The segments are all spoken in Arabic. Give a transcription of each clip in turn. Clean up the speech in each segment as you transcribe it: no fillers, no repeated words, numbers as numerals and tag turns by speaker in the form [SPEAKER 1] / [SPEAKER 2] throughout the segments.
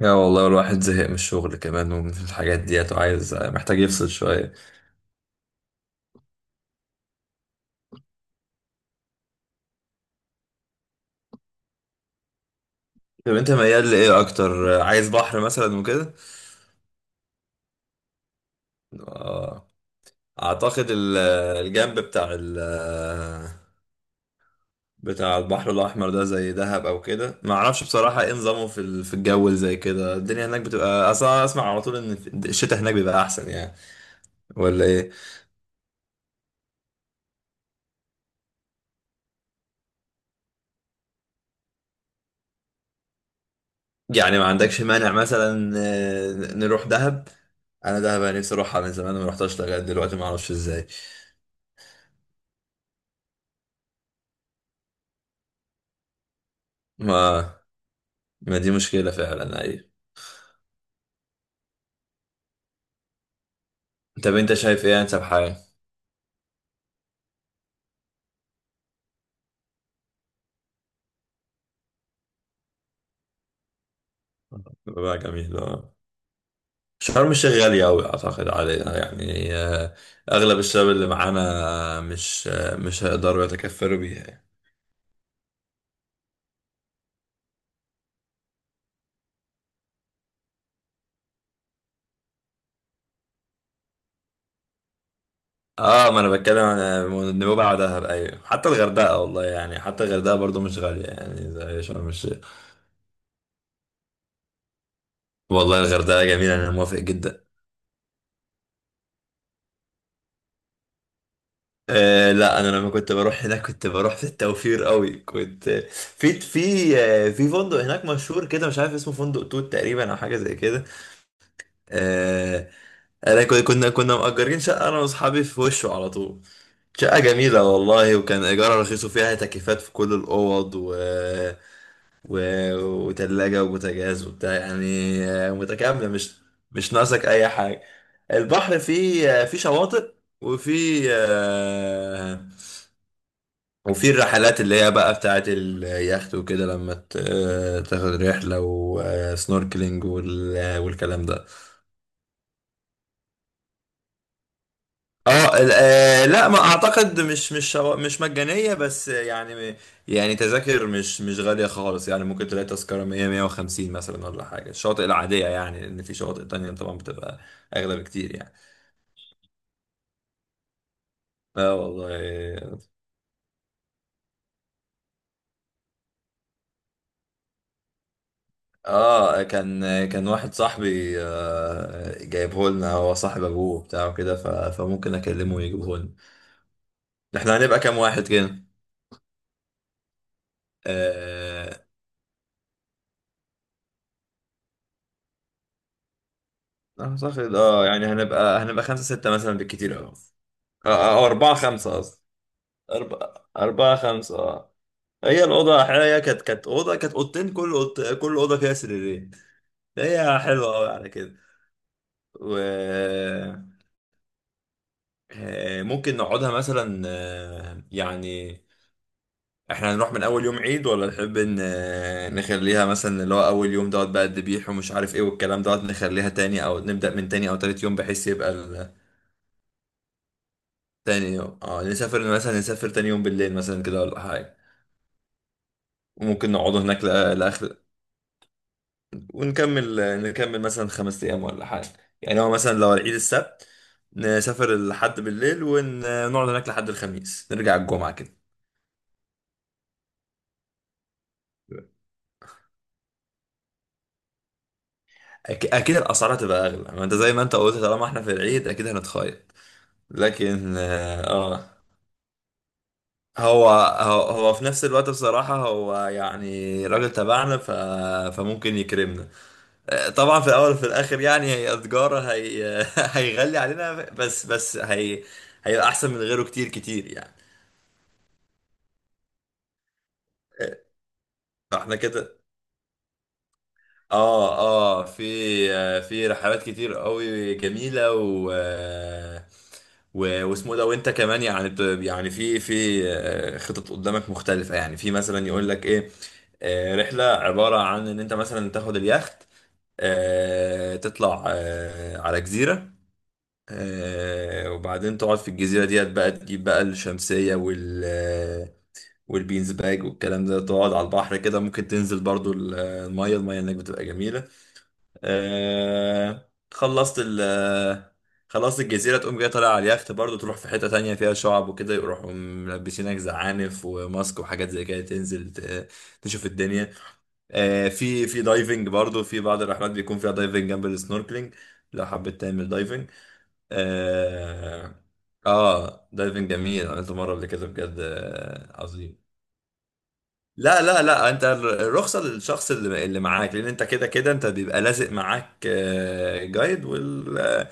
[SPEAKER 1] يا والله الواحد زهق من الشغل كمان ومن الحاجات ديت، وعايز محتاج يفصل شوية. طب انت ميال لإيه أكتر، عايز بحر مثلا وكده؟ آه، أعتقد الجنب بتاع بتاع البحر الأحمر ده زي دهب أو كده، ما أعرفش بصراحة إيه نظامه في الجو اللي زي كده. الدنيا هناك بتبقى أصلا، أسمع على طول إن الشتاء هناك بيبقى أحسن يعني، ولا إيه؟ يعني ما عندكش مانع مثلا نروح دهب؟ أنا دهب، أنا نفسي أروحها من زمان وما رحتهاش لغاية دلوقتي، ما أعرفش إزاي. ما ما دي مشكلة فعلا، أيوة. طب أنت شايف إيه أنسب حاجة؟ بقى جميل، أه. شرم الشيخ غالية أوي أعتقد علينا يعني، أغلب الشباب اللي معانا مش هيقدروا يتكفلوا بيها يعني. اه، ما انا بتكلم عن نوبة دهب، ايوه. حتى الغردقه والله يعني، حتى الغردقه برضو مش غاليه يعني زي شرم الشيخ. والله الغردقه جميله، انا موافق جدا. لا، انا لما كنت بروح هناك كنت بروح في التوفير قوي. كنت في في فندق هناك مشهور كده، مش عارف اسمه، فندق توت تقريبا او حاجه زي كده. آه انا كنا مأجرين شقه، انا واصحابي في وشه على طول. شقه جميله والله، وكان ايجارها رخيص، وفيها تكييفات في كل الاوض، و... وتلاجه وبوتاجاز وبتاع يعني. متكامله، مش ناقصك اي حاجه. البحر فيه فيه شواطئ، وفي وفي الرحلات اللي هي بقى بتاعت اليخت وكده، لما تاخد رحلة وسنوركلينج والكلام ده. اه لا، ما اعتقد مش مجانية بس يعني. يعني تذاكر مش غالية خالص يعني، ممكن تلاقي تذكرة 100 150 مثلا ولا حاجة الشواطئ العادية يعني، لأن في شواطئ تانية طبعا بتبقى أغلى بكتير يعني. اه والله. اه، كان واحد صاحبي، جايبه لنا هو، صاحب ابوه بتاعه كده، فممكن اكلمه ويجيبه لنا. احنا هنبقى كام واحد كده؟ آه، اعتقد يعني هنبقى خمسة ستة مثلا بالكتير اوي. او اربعة خمسة قصدي. أربعة خمسة اه. هي الأوضة هي كانت أوضة، كانت أوضتين، كل أوضة فيها سريرين. هي حلوة أوي على كده. و آه، ممكن نقعدها مثلا يعني، احنا هنروح من اول يوم عيد، ولا نحب ان نخليها مثلا اللي هو اول يوم دوت بقى، الذبيح ومش عارف ايه والكلام دوت، نخليها تاني او نبدأ من تاني او تالت يوم بحيث يبقى تاني يوم، اه. نسافر مثلا، نسافر تاني يوم بالليل مثلا كده ولا حاجة. وممكن نقعد هناك لآخر، ونكمل، نكمل مثلا خمس ايام ولا حاجة. يعني هو مثلا لو العيد السبت، نسافر الحد بالليل ونقعد هناك لحد الخميس، نرجع الجمعة كده. اكيد الاسعار هتبقى اغلى، ما انت زي ما انت قلت طالما احنا في العيد اكيد هنتخيط. لكن هو في نفس الوقت بصراحة، هو يعني راجل تبعنا، فممكن يكرمنا. طبعا في الأول وفي الآخر، يعني هي تجارة، هي... هيغلي علينا، بس هي هيبقى أحسن من غيره، كتير يعني. آه، فاحنا كده. اه في في رحلات كتير قوي جميله، واسمه ده، وانت كمان يعني يعني في في آه، خطط قدامك مختلفه، يعني في مثلا يقول لك ايه، رحله عباره عن ان انت مثلا تاخد اليخت، تطلع على جزيره، وبعدين تقعد في الجزيره ديت بقى، تجيب بقى الشمسيه والبينز باج والكلام ده، تقعد على البحر كده، ممكن تنزل برضو الميه هناك بتبقى جميله. آه خلصت ال آه، خلصت الجزيرة، تقوم جاي طالع على اليخت برضه، تروح في حتة تانية فيها شعب وكده، يروحوا ملبسينك زعانف وماسك وحاجات زي كده، تنزل تشوف الدنيا. آه في دايفنج برضه، في بعض الرحلات بيكون فيها دايفنج جنب السنوركلينج لو حبيت تعمل دايفنج. اه, آه دايفنج جميل، عملته مرة قبل كده، بجد، عظيم. لا لا لا، انت الرخصة للشخص اللي معاك، لان انت كده كده انت بيبقى لازق معاك، جايد وال آه،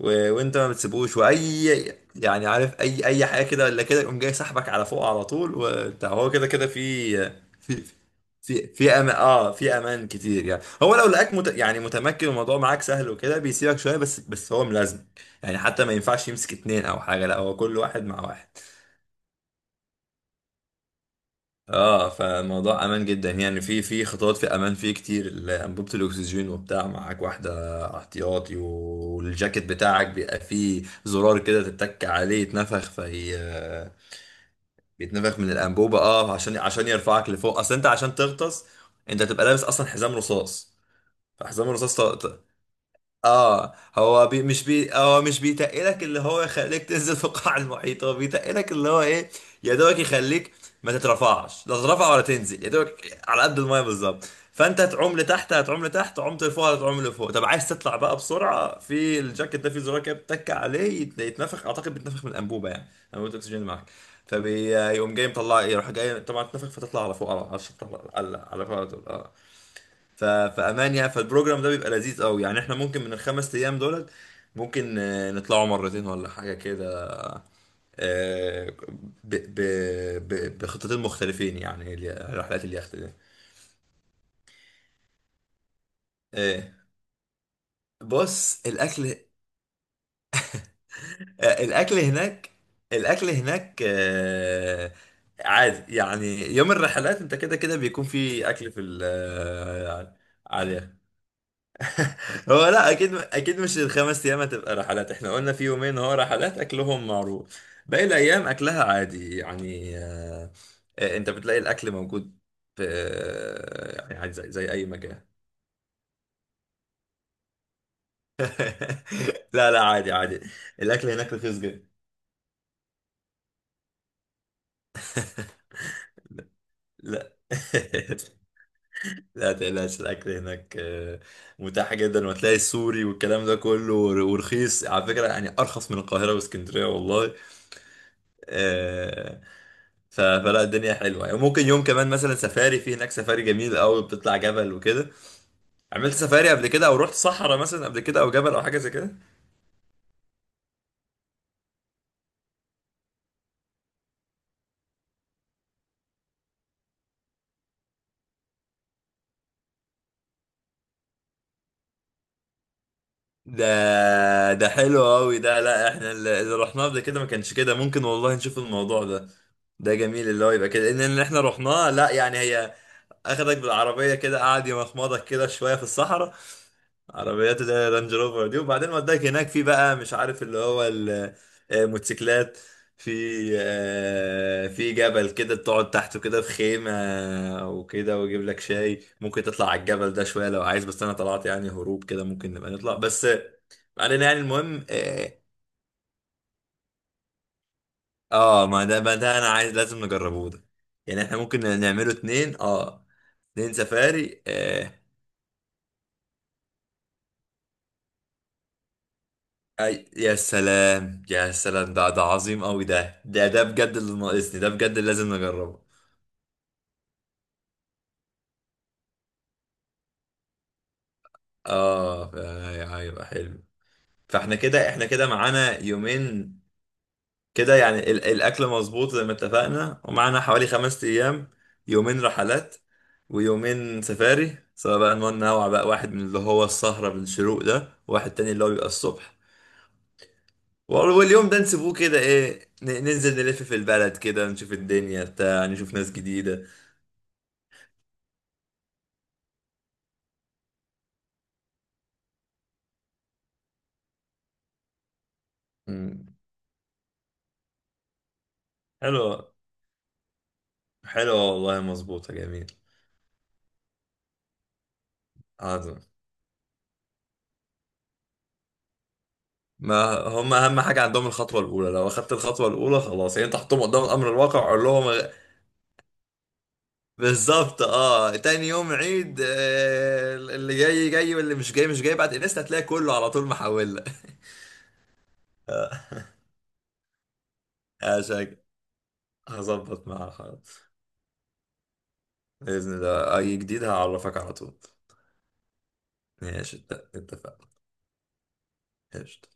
[SPEAKER 1] و... وانت ما بتسيبوش واي يعني، عارف اي حاجة كده ولا كده، يقوم جاي سحبك على فوق على طول وبتاع. هو كده كده في في امان، اه في امان كتير يعني. هو لو لقاك يعني متمكن الموضوع معاك سهل وكده بيسيبك شوية، بس هو ملازم. يعني حتى ما ينفعش يمسك اتنين او حاجة، لا هو كل واحد مع واحد. اه، فالموضوع امان جدا يعني. في في خطوات في امان فيه كتير، انبوبه الاكسجين وبتاع معاك واحده احتياطي، والجاكيت بتاعك بيبقى فيه زرار كده، تتك عليه يتنفخ في بيتنفخ من الانبوبه، اه عشان يرفعك لفوق، اصل انت عشان تغطس انت تبقى لابس اصلا حزام رصاص. فحزام الرصاص، اه هو مش بيتقلك اللي هو يخليك تنزل في القاع المحيط، هو بيتقلك اللي هو ايه، يا دوبك يخليك ما تترفعش، لا تترفع ولا تنزل، يا دوبك على قد المايه بالظبط. فانت هتعوم لتحت، هتعوم لتحت، عمت لفوق هتعوم لفوق. طب عايز تطلع بقى بسرعه، في الجاكيت ده في زرار كده بتتك عليه يتنفخ، اعتقد بيتنفخ من الانبوبه يعني، انبوبه الاكسجين اللي معاك. فبيقوم جاي مطلع، يروح جاي طبعا تنفخ فتطلع على فوق، على الشط، على فوق على طول اه. فامان يعني. فالبروجرام ده بيبقى لذيذ قوي يعني، احنا ممكن من الخمس ايام دولت ممكن نطلعوا مرتين ولا حاجه كده. آه، ب... ب... بخطتين مختلفين يعني، رحلات اليخت دي. آه، بص، الاكل، آه، الاكل هناك الاكل هناك عادي يعني. يوم الرحلات انت كده كده بيكون في اكل في ال- آه، عليه. هو لا، اكيد اكيد مش الخمس ايام هتبقى رحلات، احنا قلنا في يومين هو رحلات، اكلهم معروف، باقي الايام اكلها عادي يعني، انت بتلاقي الاكل موجود في يعني عادي زي, زي اي مكان. لا لا، عادي عادي. الاكل هناك رخيص جدا. لا لا تقلقش، الاكل هناك متاح جدا، وتلاقي السوري والكلام ده كله ورخيص على فكره يعني، ارخص من القاهره واسكندريه والله. آه، فلا، الدنيا حلوه يعني، ممكن يوم كمان مثلا سفاري، في هناك سفاري جميل قوي، بتطلع جبل وكده. عملت سفاري قبل كده، او رحت صحراء مثلا قبل كده، او جبل او حاجه زي كده؟ ده حلو قوي ده، لا احنا اللي رحناه قبل كده ما كانش كده، ممكن والله نشوف الموضوع ده، ده جميل اللي هو يبقى كده، إن احنا رحناه لا يعني هي. اخدك بالعربيه كده، قعد يمخمضك كده شويه في الصحراء، عربيات اللي هي رانج روفر دي، وبعدين وداك هناك في بقى مش عارف اللي هو موتوسيكلات. في في جبل كده تقعد تحته كده في خيمة وكده، ويجيب لك شاي، ممكن تطلع على الجبل ده شوية لو عايز، بس انا طلعت يعني هروب كده، ممكن نبقى نطلع بس علينا يعني، المهم اه. ما ده انا عايز، لازم نجربه ده، يعني احنا ممكن نعمله اتنين اه، اتنين سفاري أي يا سلام يا سلام، ده عظيم قوي، ده بجد اللي ناقصني، ده بجد اللي لازم نجربه. اه هيبقى حلو، فاحنا كده، احنا كده معانا يومين، كده يعني الاكل مظبوط زي ما اتفقنا، ومعانا حوالي خمس ايام. يومين رحلات، ويومين سفاري، سواء بقى ننوع بقى، واحد من اللي هو السهرة بالشروق ده، واحد تاني اللي هو بيبقى الصبح، واليوم ده نسيبوه كده، ايه ننزل نلف في البلد كده، نشوف الدنيا بتاع، نشوف ناس جديدة. حلو، حلو والله، مظبوطة جميل. عظم. ما هم أهم حاجة عندهم الخطوة الأولى، لو أخدت الخطوة الأولى خلاص يعني، أنت حطهم قدام الأمر الواقع وقول لهم. بالظبط أه، تاني يوم عيد، اللي جاي جاي واللي مش جاي مش جاي، بعد انستا هتلاقي كله على طول محول لك. آه، عشان هظبط معاها خلاص، بإذن الله أي جديد هعرفك على طول. ماشي، اتفقنا، قشطة.